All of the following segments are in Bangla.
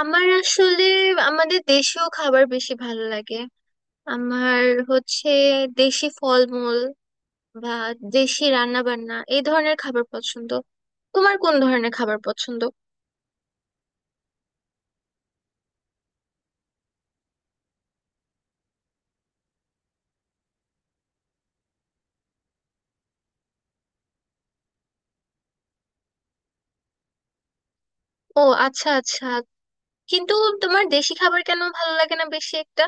আমার আসলে আমাদের দেশীয় খাবার বেশি ভালো লাগে। আমার হচ্ছে দেশি ফলমূল বা দেশি রান্না বান্না, এই ধরনের খাবার পছন্দ। তোমার কোন ধরনের খাবার পছন্দ? ও আচ্ছা আচ্ছা, কিন্তু তোমার দেশি খাবার কেন ভালো লাগে না বেশি একটা?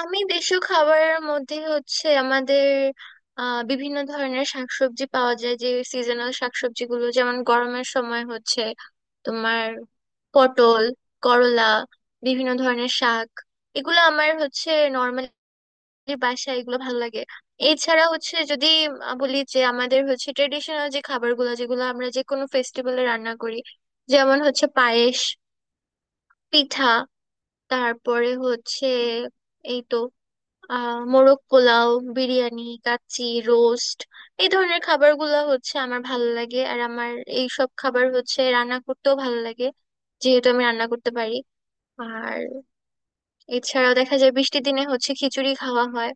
আমি দেশীয় খাবারের মধ্যে হচ্ছে আমাদের বিভিন্ন ধরনের শাকসবজি পাওয়া যায়, যে সিজনাল শাকসবজিগুলো, যেমন গরমের সময় হচ্ছে তোমার পটল, করলা, বিভিন্ন ধরনের শাক, এগুলো আমার হচ্ছে নর্মালি বাসায় এগুলো ভালো লাগে। এছাড়া হচ্ছে যদি বলি, যে আমাদের হচ্ছে ট্রেডিশনাল যে খাবারগুলো, যেগুলো আমরা যে কোনো ফেস্টিভ্যালে রান্না করি, যেমন হচ্ছে পায়েস, পিঠা, তারপরে হচ্ছে এই তো মোরগ পোলাও, বিরিয়ানি, কাচ্চি, রোস্ট, এই ধরনের খাবারগুলো হচ্ছে আমার ভালো লাগে, আর আমার এই সব খাবার হচ্ছে রান্না করতেও ভালো লাগে, যেহেতু আমি রান্না করতে পারি। আর এছাড়াও দেখা যায় বৃষ্টির দিনে হচ্ছে খিচুড়ি খাওয়া হয়।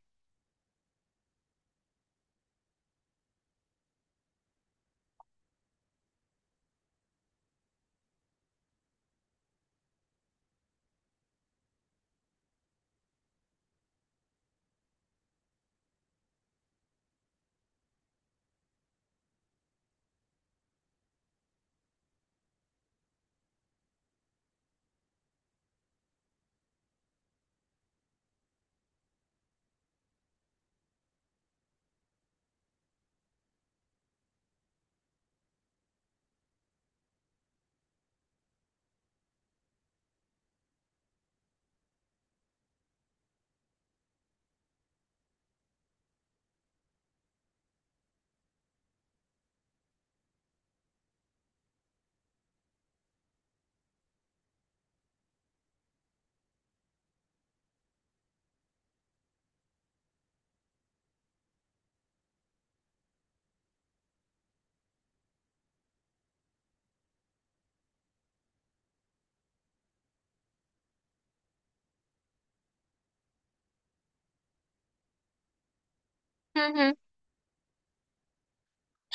হুম হুম।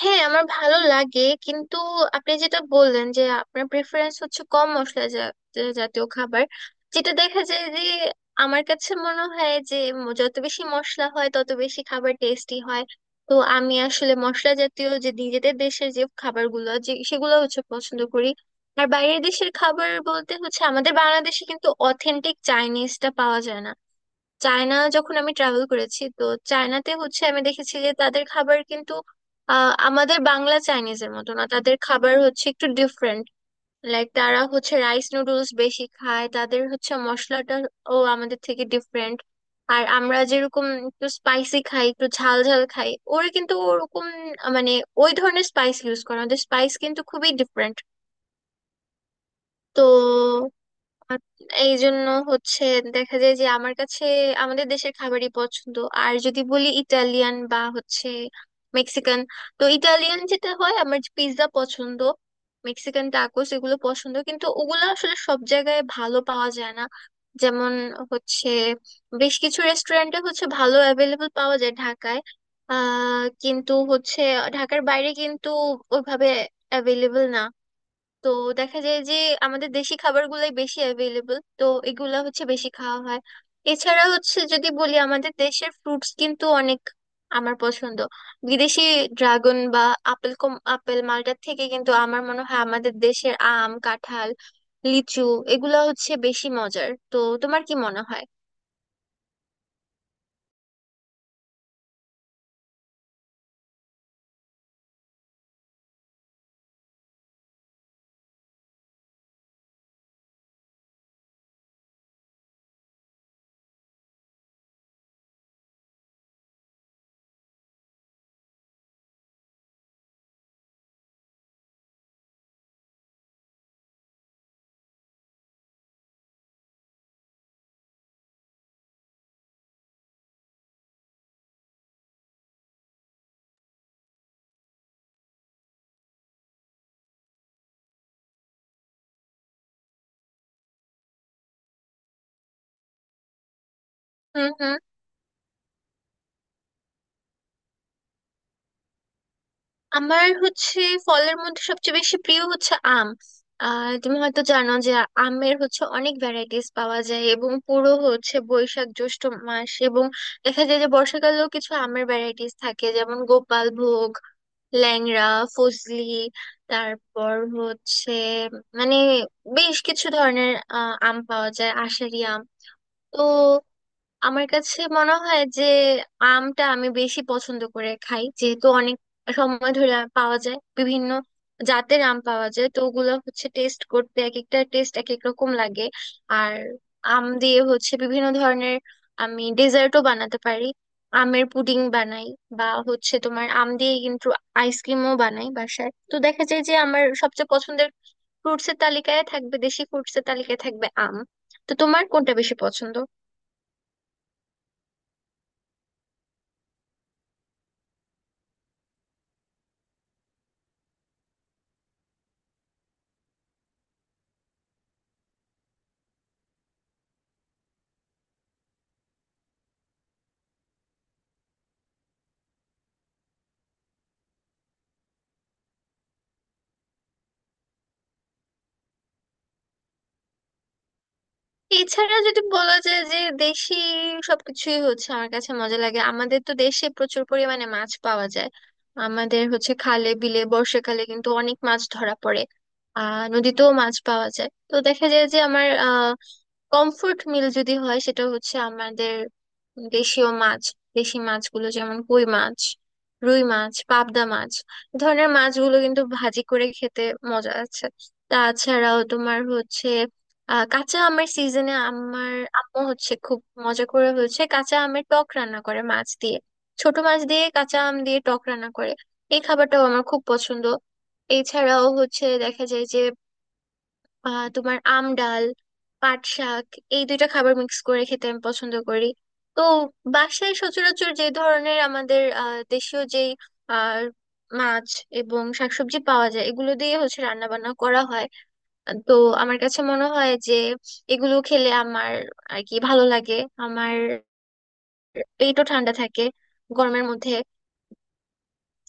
হ্যাঁ, আমার ভালো লাগে, কিন্তু আপনি যেটা বললেন যে আপনার প্রেফারেন্স হচ্ছে কম মশলা জা- জা- জাতীয় খাবার, যেটা দেখা যায় যে আমার কাছে মনে হয় যে যত বেশি মশলা হয় তত বেশি খাবার টেস্টি হয়। তো আমি আসলে মশলা জাতীয় যে নিজেদের দেশের যে খাবারগুলো, যে সেগুলো হচ্ছে পছন্দ করি। আর বাইরের দেশের খাবার বলতে হচ্ছে, আমাদের বাংলাদেশে কিন্তু অথেন্টিক চাইনিজটা পাওয়া যায় না। চায়না যখন আমি ট্রাভেল করেছি, তো চায়নাতে হচ্ছে আমি দেখেছি যে তাদের খাবার কিন্তু আমাদের বাংলা চাইনিজের মতো না, তাদের খাবার হচ্ছে একটু ডিফারেন্ট। লাইক, তারা হচ্ছে রাইস নুডলস বেশি খায়, তাদের হচ্ছে মশলাটা ও আমাদের থেকে ডিফারেন্ট। আর আমরা যেরকম একটু স্পাইসি খাই, একটু ঝাল ঝাল খাই, ওরা কিন্তু ওরকম মানে ওই ধরনের স্পাইস ইউজ করে, আমাদের স্পাইস কিন্তু খুবই ডিফারেন্ট। তো আর এই জন্য হচ্ছে দেখা যায় যে আমার কাছে আমাদের দেশের খাবারই পছন্দ। আর যদি বলি ইটালিয়ান বা হচ্ছে মেক্সিকান, তো ইটালিয়ান যেটা হয় আমার পিৎজা পছন্দ, মেক্সিকান টাকোস এগুলো পছন্দ, কিন্তু ওগুলো আসলে সব জায়গায় ভালো পাওয়া যায় না। যেমন হচ্ছে বেশ কিছু রেস্টুরেন্টে হচ্ছে ভালো অ্যাভেলেবল পাওয়া যায় ঢাকায়। কিন্তু হচ্ছে ঢাকার বাইরে কিন্তু ওইভাবে অ্যাভেলেবল না। তো দেখা যায় যে আমাদের দেশি খাবারগুলাই বেশি অ্যাভেলেবল, তো এগুলা হচ্ছে বেশি খাওয়া হয়। এছাড়া হচ্ছে যদি বলি, আমাদের দেশের ফ্রুটস কিন্তু অনেক আমার পছন্দ। বিদেশি ড্রাগন বা আপেল, কম আপেল মালটার থেকে কিন্তু আমার মনে হয় আমাদের দেশের আম, কাঁঠাল, লিচু এগুলা হচ্ছে বেশি মজার। তো তোমার কি মনে হয়? হুম হুম। আমার হচ্ছে ফলের মধ্যে সবচেয়ে বেশি প্রিয় হচ্ছে আম। তুমি হয়তো জানো যে আমের হচ্ছে অনেক ভ্যারাইটিস পাওয়া যায়, এবং পুরো হচ্ছে বৈশাখ জ্যৈষ্ঠ মাস, এবং দেখা যায় যে বর্ষাকালেও কিছু আমের ভ্যারাইটিস থাকে, যেমন গোপাল ভোগ, ল্যাংড়া, ফজলি, তারপর হচ্ছে মানে বেশ কিছু ধরনের আম পাওয়া যায়, আষাঢ়ি আম। তো আমার কাছে মনে হয় যে আমটা আমি বেশি পছন্দ করে খাই, যেহেতু অনেক সময় ধরে আম পাওয়া যায়, বিভিন্ন জাতের আম পাওয়া যায়, তো ওগুলো হচ্ছে টেস্ট করতে এক একটা টেস্ট এক এক রকম লাগে। আর আম দিয়ে হচ্ছে বিভিন্ন ধরনের আমি ডেজার্টও বানাতে পারি, আমের পুডিং বানাই, বা হচ্ছে তোমার আম দিয়ে কিন্তু আইসক্রিমও বানাই বাসায়। তো দেখা যায় যে আমার সবচেয়ে পছন্দের ফ্রুটসের তালিকায় থাকবে, দেশি ফ্রুটসের তালিকায় থাকবে আম। তো তোমার কোনটা বেশি পছন্দ? এছাড়া যদি বলা যায় যে দেশি সবকিছুই হচ্ছে আমার কাছে মজা লাগে। আমাদের তো দেশে প্রচুর পরিমাণে মাছ পাওয়া যায়, আমাদের হচ্ছে খালে বিলে বর্ষাকালে কিন্তু অনেক মাছ ধরা পড়ে। নদীতেও মাছ পাওয়া যায়। তো দেখা যায় যে আমার কমফোর্ট মিল যদি হয়, সেটা হচ্ছে আমাদের দেশীয় মাছ, দেশি মাছগুলো, যেমন কই মাছ, রুই মাছ, পাবদা মাছ, এ ধরনের মাছগুলো কিন্তু ভাজি করে খেতে মজা আছে। তাছাড়াও তোমার হচ্ছে কাঁচা আমের সিজনে আমার আম্মু হচ্ছে খুব মজা করে হচ্ছে কাঁচা আমের টক রান্না করে মাছ দিয়ে, ছোট মাছ দিয়ে, কাঁচা আম দিয়ে টক রান্না করে। এই খাবারটাও আমার খুব পছন্দ। এছাড়াও হচ্ছে দেখা যায় যে তোমার আম ডাল, পাট শাক, এই দুইটা খাবার মিক্স করে খেতে আমি পছন্দ করি। তো বাসায় সচরাচর যে ধরনের আমাদের দেশীয় যেই আহ মাছ এবং শাকসবজি পাওয়া যায়, এগুলো দিয়ে হচ্ছে রান্না বান্না করা হয়। তো আমার কাছে মনে হয় যে এগুলো খেলে আমার আর কি ভালো লাগে, আমার পেটও ঠান্ডা থাকে গরমের মধ্যে।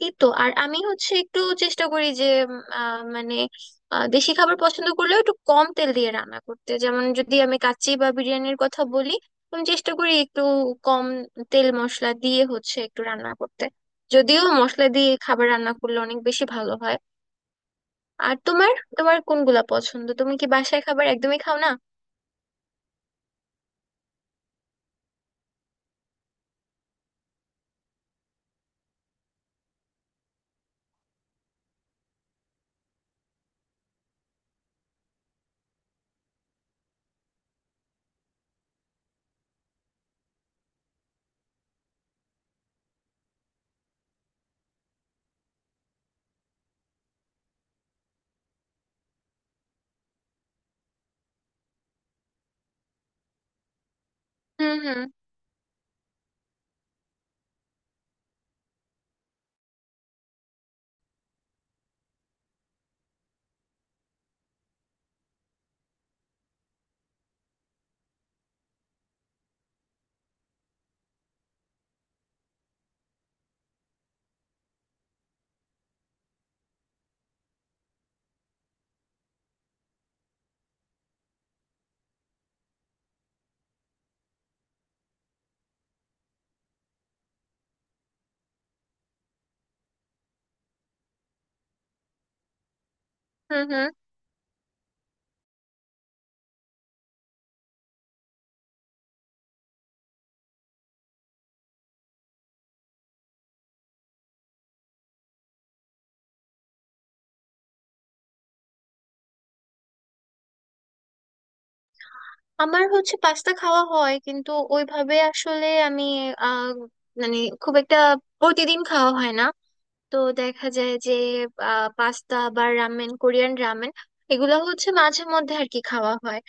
এই তো। আর আমি হচ্ছে একটু চেষ্টা করি যে মানে দেশি খাবার পছন্দ করলেও একটু কম তেল দিয়ে রান্না করতে। যেমন যদি আমি কাচ্চি বা বিরিয়ানির কথা বলি, আমি চেষ্টা করি একটু কম তেল মশলা দিয়ে হচ্ছে একটু রান্না করতে, যদিও মশলা দিয়ে খাবার রান্না করলে অনেক বেশি ভালো হয়। আর তোমার তোমার কোনগুলা পছন্দ? তুমি কি বাসায় খাবার একদমই খাও না? হুম হুম। হুম হুম। আমার হচ্ছে পাস্তা খাওয়া হয়, কিন্তু ওইভাবে আসলে আমি আহ মানে খুব একটা প্রতিদিন খাওয়া হয় না। তো দেখা যায় যে পাস্তা বা রামেন, কোরিয়ান রামেন, এগুলো হচ্ছে মাঝে মধ্যে আর কি খাওয়া হয়।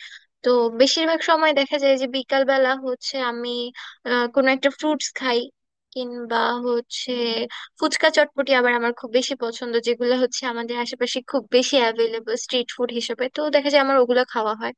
তো বেশিরভাগ সময় দেখা যায় যে বিকাল বেলা হচ্ছে আমি কোনো একটা ফ্রুটস খাই, কিংবা হচ্ছে ফুচকা চটপটি আবার আমার খুব বেশি পছন্দ, যেগুলো হচ্ছে আমাদের আশেপাশে খুব বেশি অ্যাভেলেবল স্ট্রিট ফুড হিসেবে। তো দেখা যায় আমার ওগুলো খাওয়া হয়।